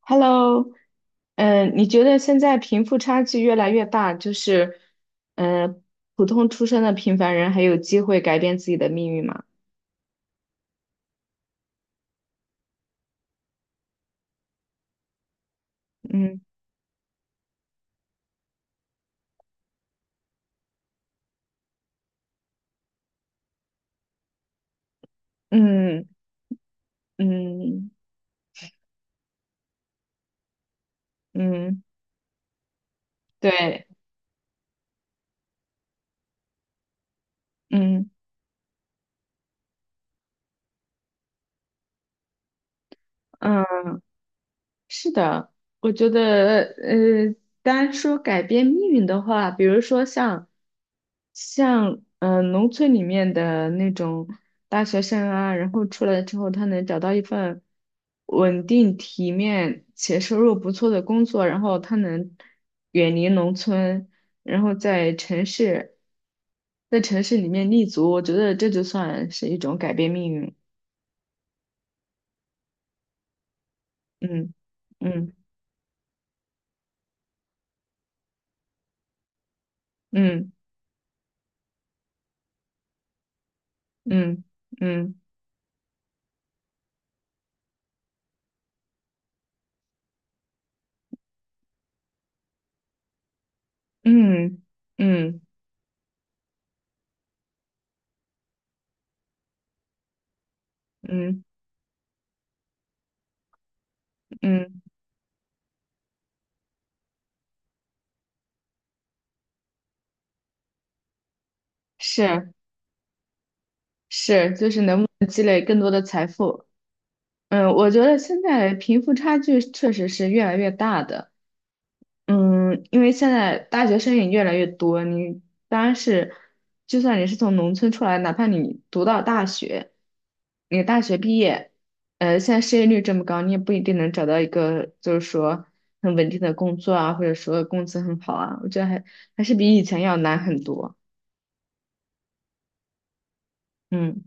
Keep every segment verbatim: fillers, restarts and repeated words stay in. Hello，嗯，你觉得现在贫富差距越来越大，就是嗯，呃普通出身的平凡人还有机会改变自己的命运吗？嗯嗯嗯嗯，对，嗯嗯。是的，我觉得，呃，单说改变命运的话，比如说像，像，呃，农村里面的那种大学生啊，然后出来之后，他能找到一份稳定、体面且收入不错的工作，然后他能远离农村，然后在城市，在城市里面立足，我觉得这就算是一种改变命运。嗯嗯嗯嗯嗯。嗯嗯嗯嗯，是是，就是能不能积累更多的财富？嗯，我觉得现在贫富差距确实是越来越大的。嗯，因为现在大学生也越来越多，你当然是，就算你是从农村出来，哪怕你读到大学，你大学毕业，呃，现在失业率这么高，你也不一定能找到一个就是说很稳定的工作啊，或者说工资很好啊，我觉得还还是比以前要难很多。嗯。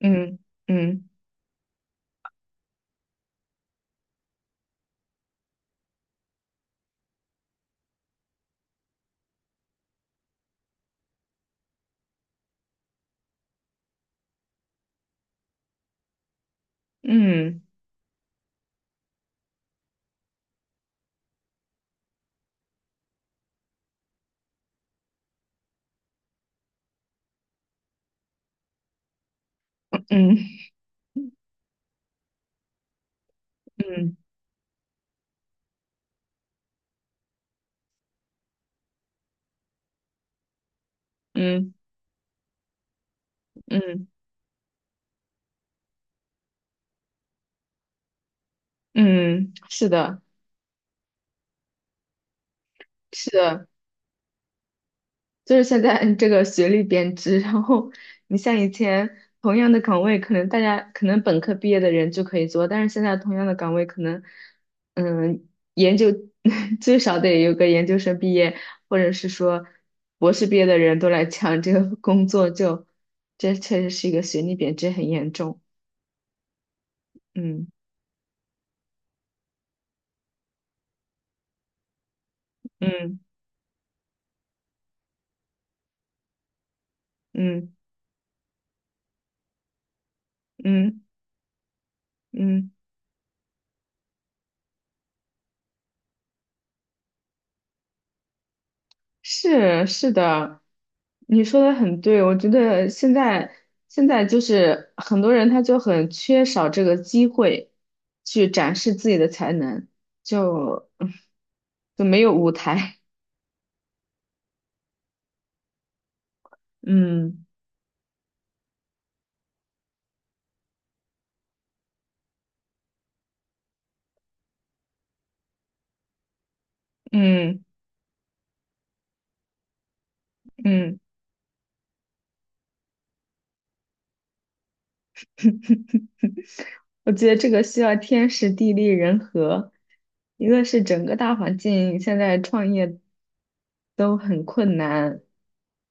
嗯嗯嗯嗯嗯嗯嗯嗯，嗯是的，是的，就是现在这个学历贬值，然后你像以前同样的岗位，可能大家可能本科毕业的人就可以做，但是现在同样的岗位，可能嗯研究 最少得有个研究生毕业，或者是说博士毕业的人都来抢这个工作就，这确实是一个学历贬值很严重，嗯嗯嗯嗯嗯。嗯是是的，你说的很对，我觉得现在现在就是很多人他就很缺少这个机会去展示自己的才能，就 就没有舞台，嗯嗯嗯。我觉得这个需要天时地利人和，一个是整个大环境现在创业都很困难，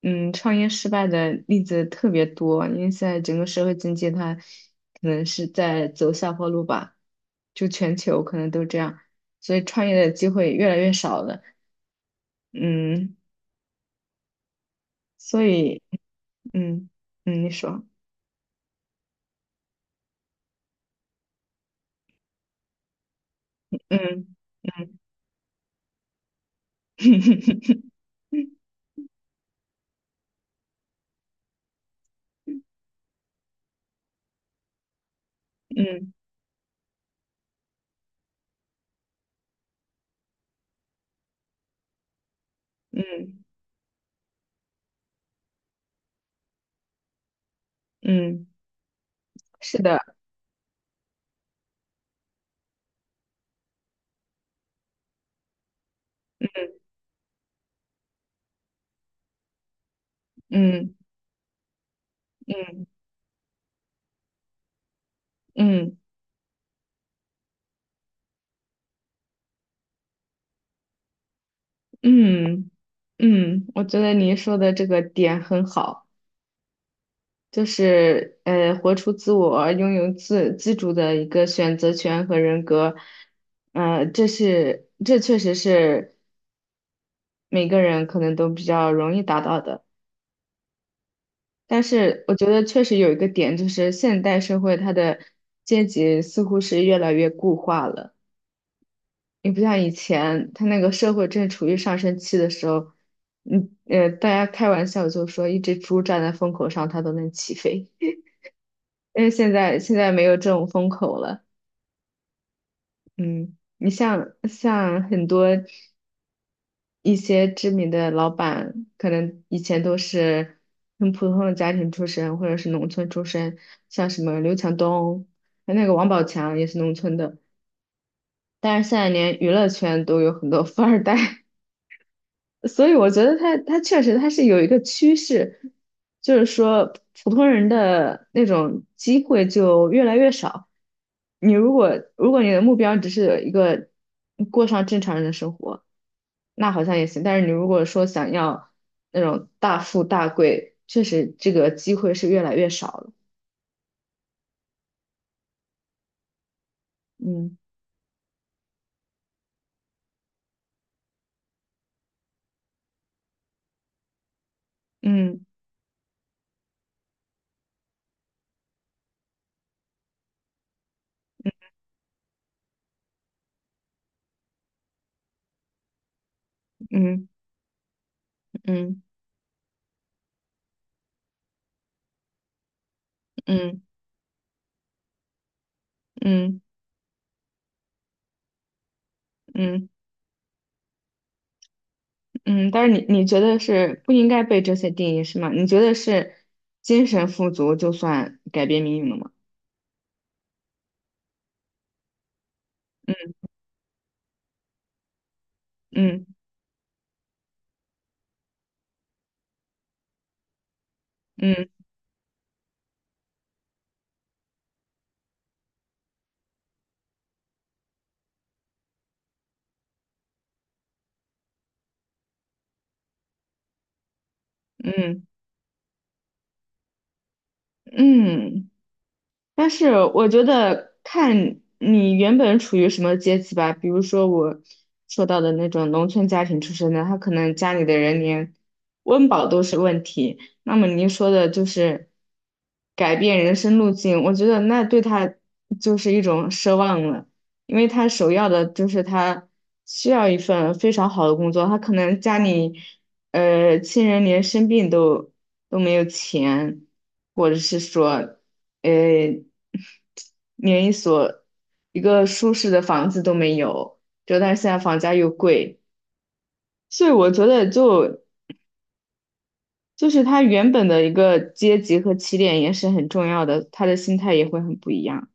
嗯，创业失败的例子特别多，因为现在整个社会经济它可能是在走下坡路吧，就全球可能都这样，所以创业的机会越来越少了，嗯，所以，嗯嗯，你说，嗯嗯 嗯嗯嗯，是的。嗯嗯嗯嗯嗯，我觉得您说的这个点很好，就是呃，活出自我，拥有自自主的一个选择权和人格，呃，这是这确实是每个人可能都比较容易达到的。但是我觉得确实有一个点，就是现代社会它的阶级似乎是越来越固化了。你不像以前，他那个社会正处于上升期的时候，嗯呃，大家开玩笑就说一只猪站在风口上，它都能起飞。但是现在现在没有这种风口了，嗯，你像像很多一些知名的老板，可能以前都是很普通的家庭出身，或者是农村出身，像什么刘强东，那个王宝强也是农村的，但是现在连娱乐圈都有很多富二代。所以我觉得他他确实他是有一个趋势，就是说普通人的那种机会就越来越少。你如果如果你的目标只是一个过上正常人的生活，那好像也行。但是你如果说想要那种大富大贵，确实这个机会是越来越少了。嗯嗯嗯嗯嗯嗯嗯嗯。嗯，但是你你觉得是不应该被这些定义是吗？你觉得是精神富足就算改变命运了吗？嗯嗯嗯嗯。嗯但是我觉得看你原本处于什么阶级吧，比如说我说到的那种农村家庭出身的，他可能家里的人连温饱都是问题。那么您说的就是改变人生路径，我觉得那对他就是一种奢望了，因为他首要的就是他需要一份非常好的工作，他可能家里呃亲人连生病都都没有钱。或者是说呃，连一所一个舒适的房子都没有，就但是现在房价又贵，所以我觉得就就是他原本的一个阶级和起点也是很重要的，他的心态也会很不一样。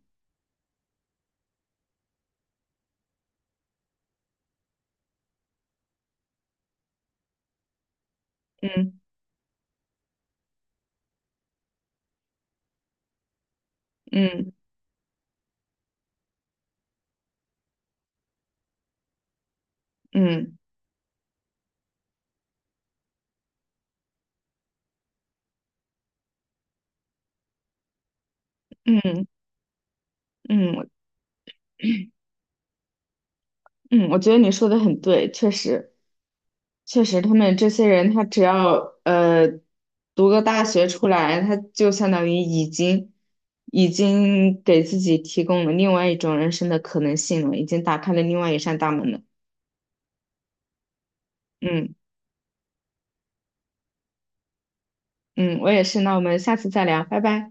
嗯嗯嗯嗯嗯嗯，我觉得你说的很对，确实。确实，他们这些人，他只要呃读个大学出来，他就相当于已经已经给自己提供了另外一种人生的可能性了，已经打开了另外一扇大门了。嗯嗯，我也是。那我们下次再聊，拜拜。